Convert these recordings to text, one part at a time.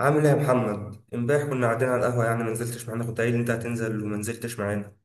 عامل ايه يا محمد؟ امبارح كنا قاعدين على القهوه، يعني ما نزلتش معانا، كنت قايل انت هتنزل وما نزلتش معانا.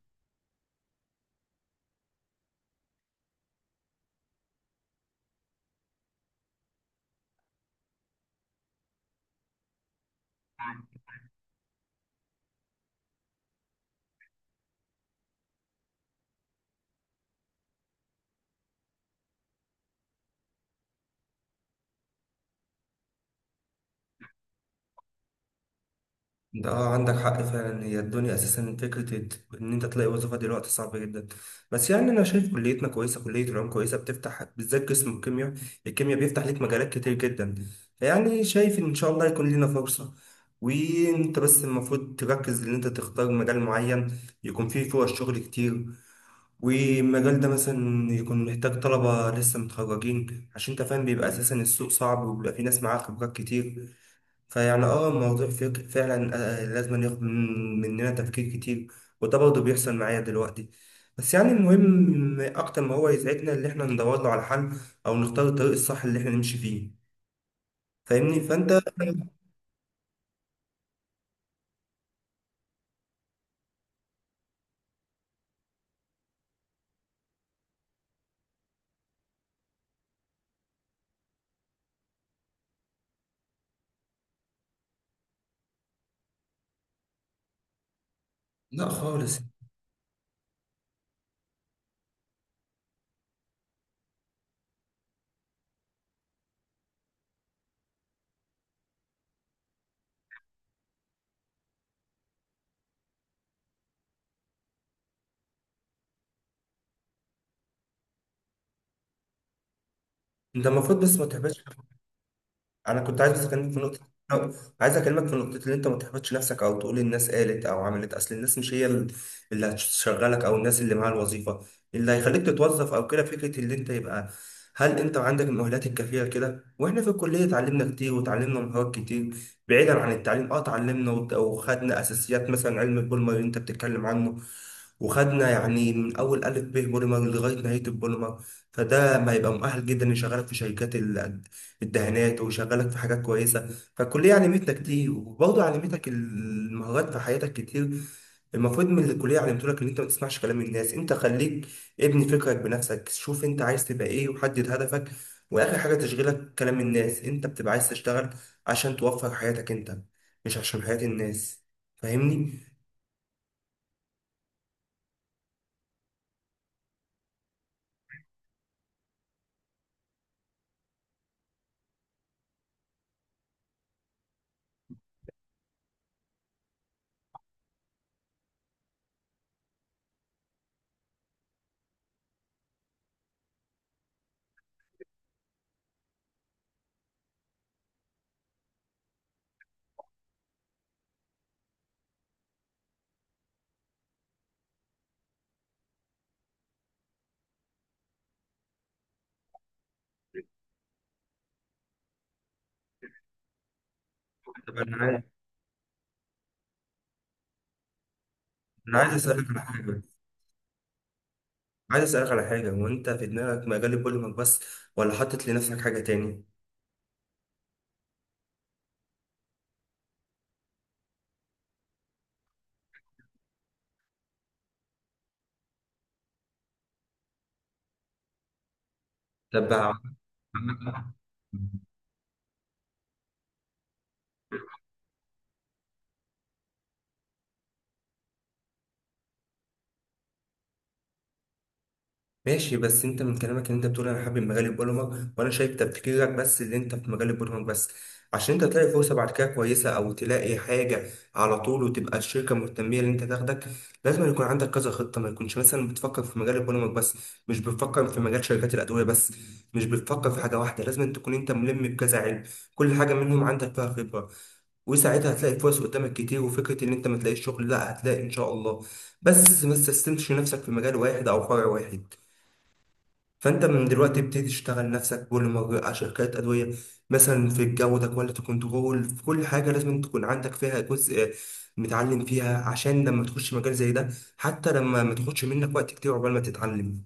ده اه عندك حق فعلا، هي الدنيا اساسا فكره ان انت تلاقي وظيفه دلوقتي صعبه جدا. بس يعني انا شايف كليتنا كويسه، كليه العلوم كويسه، بتفتح بالذات قسم الكيمياء، الكيمياء بيفتح ليك مجالات كتير جدا. يعني شايف ان شاء الله يكون لنا فرصه. وانت بس المفروض تركز ان انت تختار مجال معين يكون فيه فرص شغل كتير، والمجال ده مثلا يكون محتاج طلبة لسه متخرجين، عشان انت فاهم بيبقى اساسا السوق صعب وبيبقى في ناس معاها خبرات كتير. فيعني اه الموضوع فعلا لازم ياخد مننا تفكير كتير. وده برضه بيحصل معايا دلوقتي. بس يعني المهم اكتر ما هو يسعدنا اللي احنا ندور له على حل، او نختار الطريق الصح اللي احنا نمشي فيه. فاهمني؟ فانت لا خالص. انت المفروض بس ما تحبطش. انا كنت عايز بس اكلمك في نقطه، عايز اكلمك في نقطه، اللي انت ما تحبطش نفسك او تقول الناس قالت او عملت. اصل الناس مش هي اللي هتشغلك، او الناس اللي معاها الوظيفه اللي هيخليك تتوظف او كده. فكره اللي انت يبقى هل انت عندك المؤهلات الكافيه كده. واحنا في الكليه اتعلمنا كتير وتعلمنا مهارات كتير بعيدا عن التعليم. اه اتعلمنا وخدنا اساسيات مثلا علم البولمر اللي انت بتتكلم عنه، وخدنا يعني من اول الف ب بوليمر لغايه نهايه البوليمر. فده ما يبقى مؤهل جدا يشغلك في شركات الدهانات ويشغلك في حاجات كويسه. فالكليه علمتنا كتير وبرضه علمتك المهارات في حياتك كتير. المفروض من اللي الكليه علمته لك ان انت ما تسمعش كلام الناس. انت خليك ابني فكرك بنفسك، شوف انت عايز تبقى ايه وحدد هدفك. واخر حاجه تشغلك كلام الناس، انت بتبقى عايز تشتغل عشان توفر حياتك انت، مش عشان حياه الناس. فاهمني؟ طب انا عايز، انا عايز اسالك على حاجه، عايز اسالك على حاجه، هو انت في دماغك مجال البوليمر بس ولا حاطط لنفسك حاجه تاني؟ طب ماشي، بس انت من كلامك ان انت بتقول انا حابب مجال البرمج، وانا شايف تفكيرك بس اللي انت في مجال البرمج بس. عشان انت تلاقي فرصه بعد كده كويسه او تلاقي حاجه على طول وتبقى الشركه مهتميه ان انت تاخدك، لازم يكون عندك كذا خطه. ما يكونش مثلا بتفكر في مجال البرمج بس، مش بتفكر في مجال شركات الادويه بس، مش بتفكر في حاجه واحده. لازم تكون انت ملم بكذا علم، كل حاجه منهم عندك فيها خبره. وساعتها هتلاقي فرص قدامك كتير، وفكرة إن أنت ما تلاقيش شغل لا، هتلاقي إن شاء الله. بس ما تستسلمش نفسك في مجال واحد أو فرع واحد. فانت من دلوقتي بتبتدي تشتغل نفسك بوليمر، على شركات ادويه، مثلا في الجوده كواليتي كنترول، في كل حاجه لازم تكون عندك فيها جزء متعلم فيها، عشان لما تخش مجال زي ده حتى لما ما تاخدش منك وقت كتير عقبال ما تتعلم.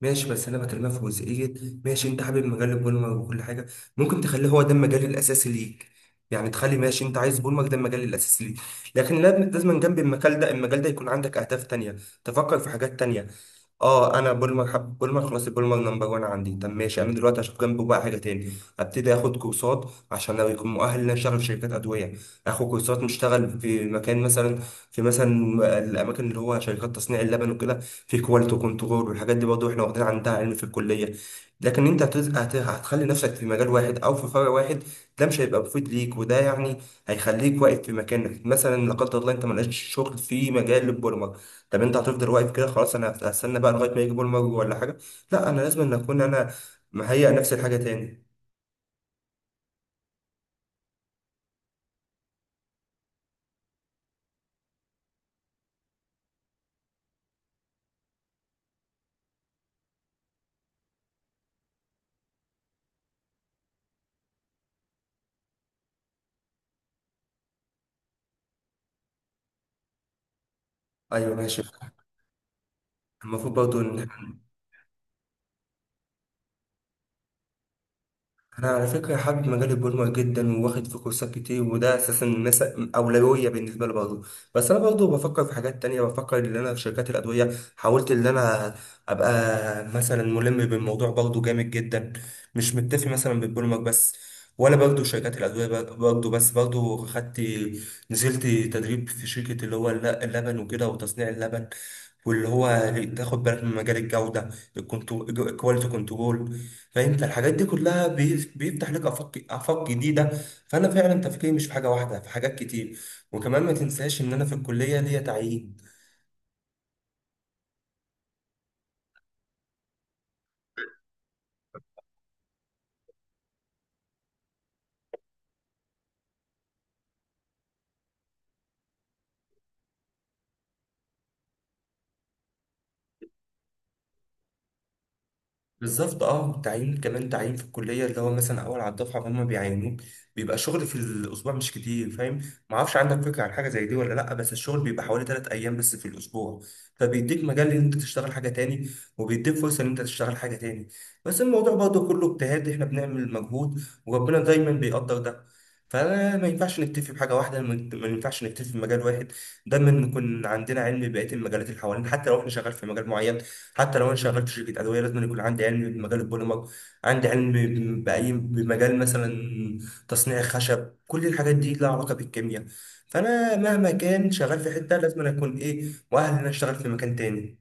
ماشي، بس انا بكلمها في جزئيه. ماشي انت حابب مجال بولمر وكل حاجه، ممكن تخليه هو ده المجال الاساسي ليك. يعني تخلي، ماشي انت عايز بولمر ده المجال الاساسي ليك، لكن لازم لازم جنب المجال ده المجال ده يكون عندك اهداف تانية، تفكر في حاجات تانية. اه انا بولمر، حب بولمر خلاص، البولمر نمبر وان عندي، طب ماشي انا دلوقتي هشوف جنبه بقى حاجه تاني. ابتدي اخد كورسات عشان لو يكون مؤهل ان أنا اشتغل في شركات ادويه، اخد كورسات نشتغل في مكان مثلا، في مثلا الاماكن اللي هو شركات تصنيع اللبن وكده، في كواليتي كنترول. والحاجات دي برضه احنا واخدين عندها علم في الكليه. لكن انت هتخلي نفسك في مجال واحد او في فرع واحد، ده مش هيبقى مفيد ليك. وده يعني هيخليك واقف في مكانك مثلا. لا قدر الله انت ملقاش شغل في مجال البوليمر، طب انت هتفضل واقف كده خلاص؟ انا هستنى بقى لغايه ما يجي بوليمر ولا حاجه؟ لا، انا لازم ان اكون انا مهيئ نفسي لحاجه تاني. ايوه ماشي، المفروض برضه. انا على فكره حابب مجال البرمجه جدا وواخد فيه كورسات كتير، وده اساسا اولويه بالنسبه لي برضه. بس انا برضه بفكر في حاجات تانية، بفكر ان انا في شركات الادويه، حاولت ان انا ابقى مثلا ملم بالموضوع برضه جامد جدا. مش متفق مثلا بالبرمج بس، ولا برضه شركات الادويه برضه بس، برضه خدت، نزلت تدريب في شركه اللي هو اللبن وكده وتصنيع اللبن، واللي هو تاخد بالك من مجال الجودة الكواليتي كنترول. فانت الحاجات دي كلها بيفتح لك آفاق آفاق جديدة. فأنا فعلا تفكيري مش في حاجة واحدة، في حاجات كتير. وكمان ما تنساش إن أنا في الكلية ليا تعيين. بالظبط اه، تعيين كمان، تعيين في الكليه اللي هو مثلا اول على الدفعه فهم بيعينوك، بيبقى شغل في الاسبوع مش كتير، فاهم؟ ما اعرفش عندك فكره عن حاجه زي دي ولا لا، بس الشغل بيبقى حوالي 3 ايام بس في الاسبوع. فبيديك مجال ان انت تشتغل حاجه تاني، وبيديك فرصه ان انت تشتغل حاجه تاني. بس الموضوع برضه كله اجتهاد، احنا بنعمل مجهود وربنا دايما بيقدر ده. فما ما ينفعش نكتفي بحاجه واحده، ما ينفعش نكتفي بمجال واحد. دايما نكون عندنا علم ببقيه المجالات اللي حوالينا، حتى لو احنا شغال في مجال معين. حتى لو انا شغال في شركه ادويه لازم يكون عندي علم بمجال البوليمر، عندي علم باي بمجال مثلا تصنيع الخشب. كل الحاجات دي لها علاقه بالكيمياء. فانا مهما كان شغال في حته لازم أنا اكون ايه مؤهل ان أنا اشتغل في مكان تاني.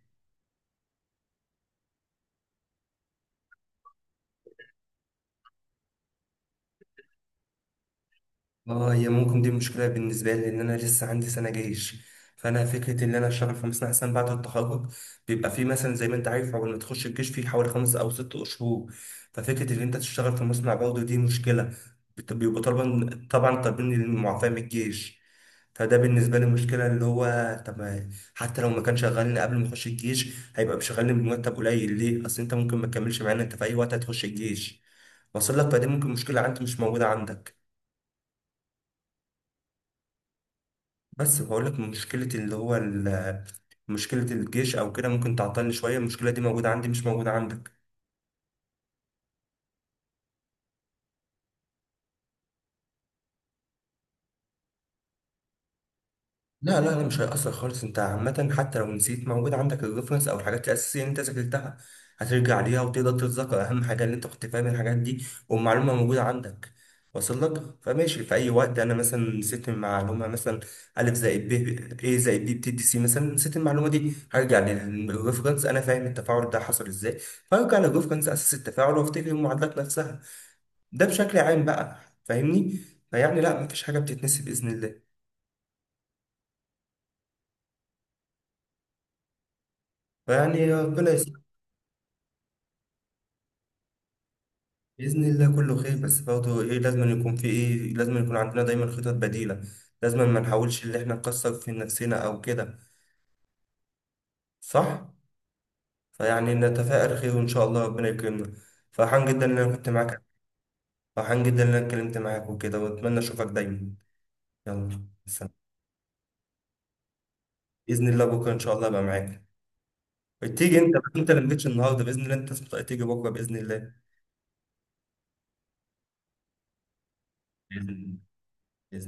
اه هي ممكن دي مشكلة بالنسبة لي، لأن أنا لسه عندي سنة جيش. فأنا فكرة إن أنا أشتغل في مصنع أحسن بعد التخرج، بيبقى فيه مثلا زي ما أنت عارف أول ما تخش الجيش فيه حوالي 5 أو 6 شهور. ففكرة إن أنت تشتغل في مصنع برضه دي مشكلة، بيبقوا طالبا طبعا طالبين المعافاة من الجيش. فده بالنسبة لي مشكلة اللي هو، طب حتى لو ما كان شغالني قبل ما أخش الجيش هيبقى مشغلني بمرتب قليل ليه؟ أصل أنت ممكن ما تكملش معانا، أنت في أي وقت هتخش الجيش. وصل لك؟ فدي ممكن مشكلة عندي مش موجودة عندك. بس بقول لك مشكلة اللي هو مشكلة الجيش أو كده ممكن تعطلني شوية. المشكلة دي موجودة عندي مش موجودة عندك. لا لا لا مش هيأثر خالص. انت عامة حتى لو نسيت، موجود عندك الريفرنس او الحاجات الأساسية اللي انت ذاكرتها، هترجع ليها وتقدر تتذكر. أهم حاجة اللي انت كنت فاهم الحاجات دي والمعلومة موجودة عندك، واصل لك؟ فماشي في أي وقت أنا مثلا نسيت المعلومة، مثلا ألف زائد ب إيه زائد بي بتدي سي، مثلا نسيت المعلومة دي هرجع للريفرنس، أنا فاهم التفاعل ده حصل إزاي. فهرجع للريفرنس أساس التفاعل وأفتكر المعادلات نفسها. ده بشكل عام بقى، فاهمني؟ فيعني لا مفيش حاجة بتتنسي بإذن الله. فيعني ربنا بإذن الله كله خير. بس برضه إيه، لازم يكون في إيه، لازم يكون عندنا دايما خطط بديلة. لازم ما نحاولش إن إحنا نكسر في نفسنا أو كده، صح؟ فيعني نتفائل خير وإن شاء الله ربنا يكرمنا. فرحان جدا إن أنا كنت معاك، فرحان جدا إن أنا اتكلمت معاك وكده، وأتمنى أشوفك دايما. يلا سلام. بإذن الله بكرة إن شاء الله أبقى معاك. تيجي أنت، أنت اللي مجيتش النهاردة، بإذن الله أنت تيجي بكرة بإذن الله. بإذن الله.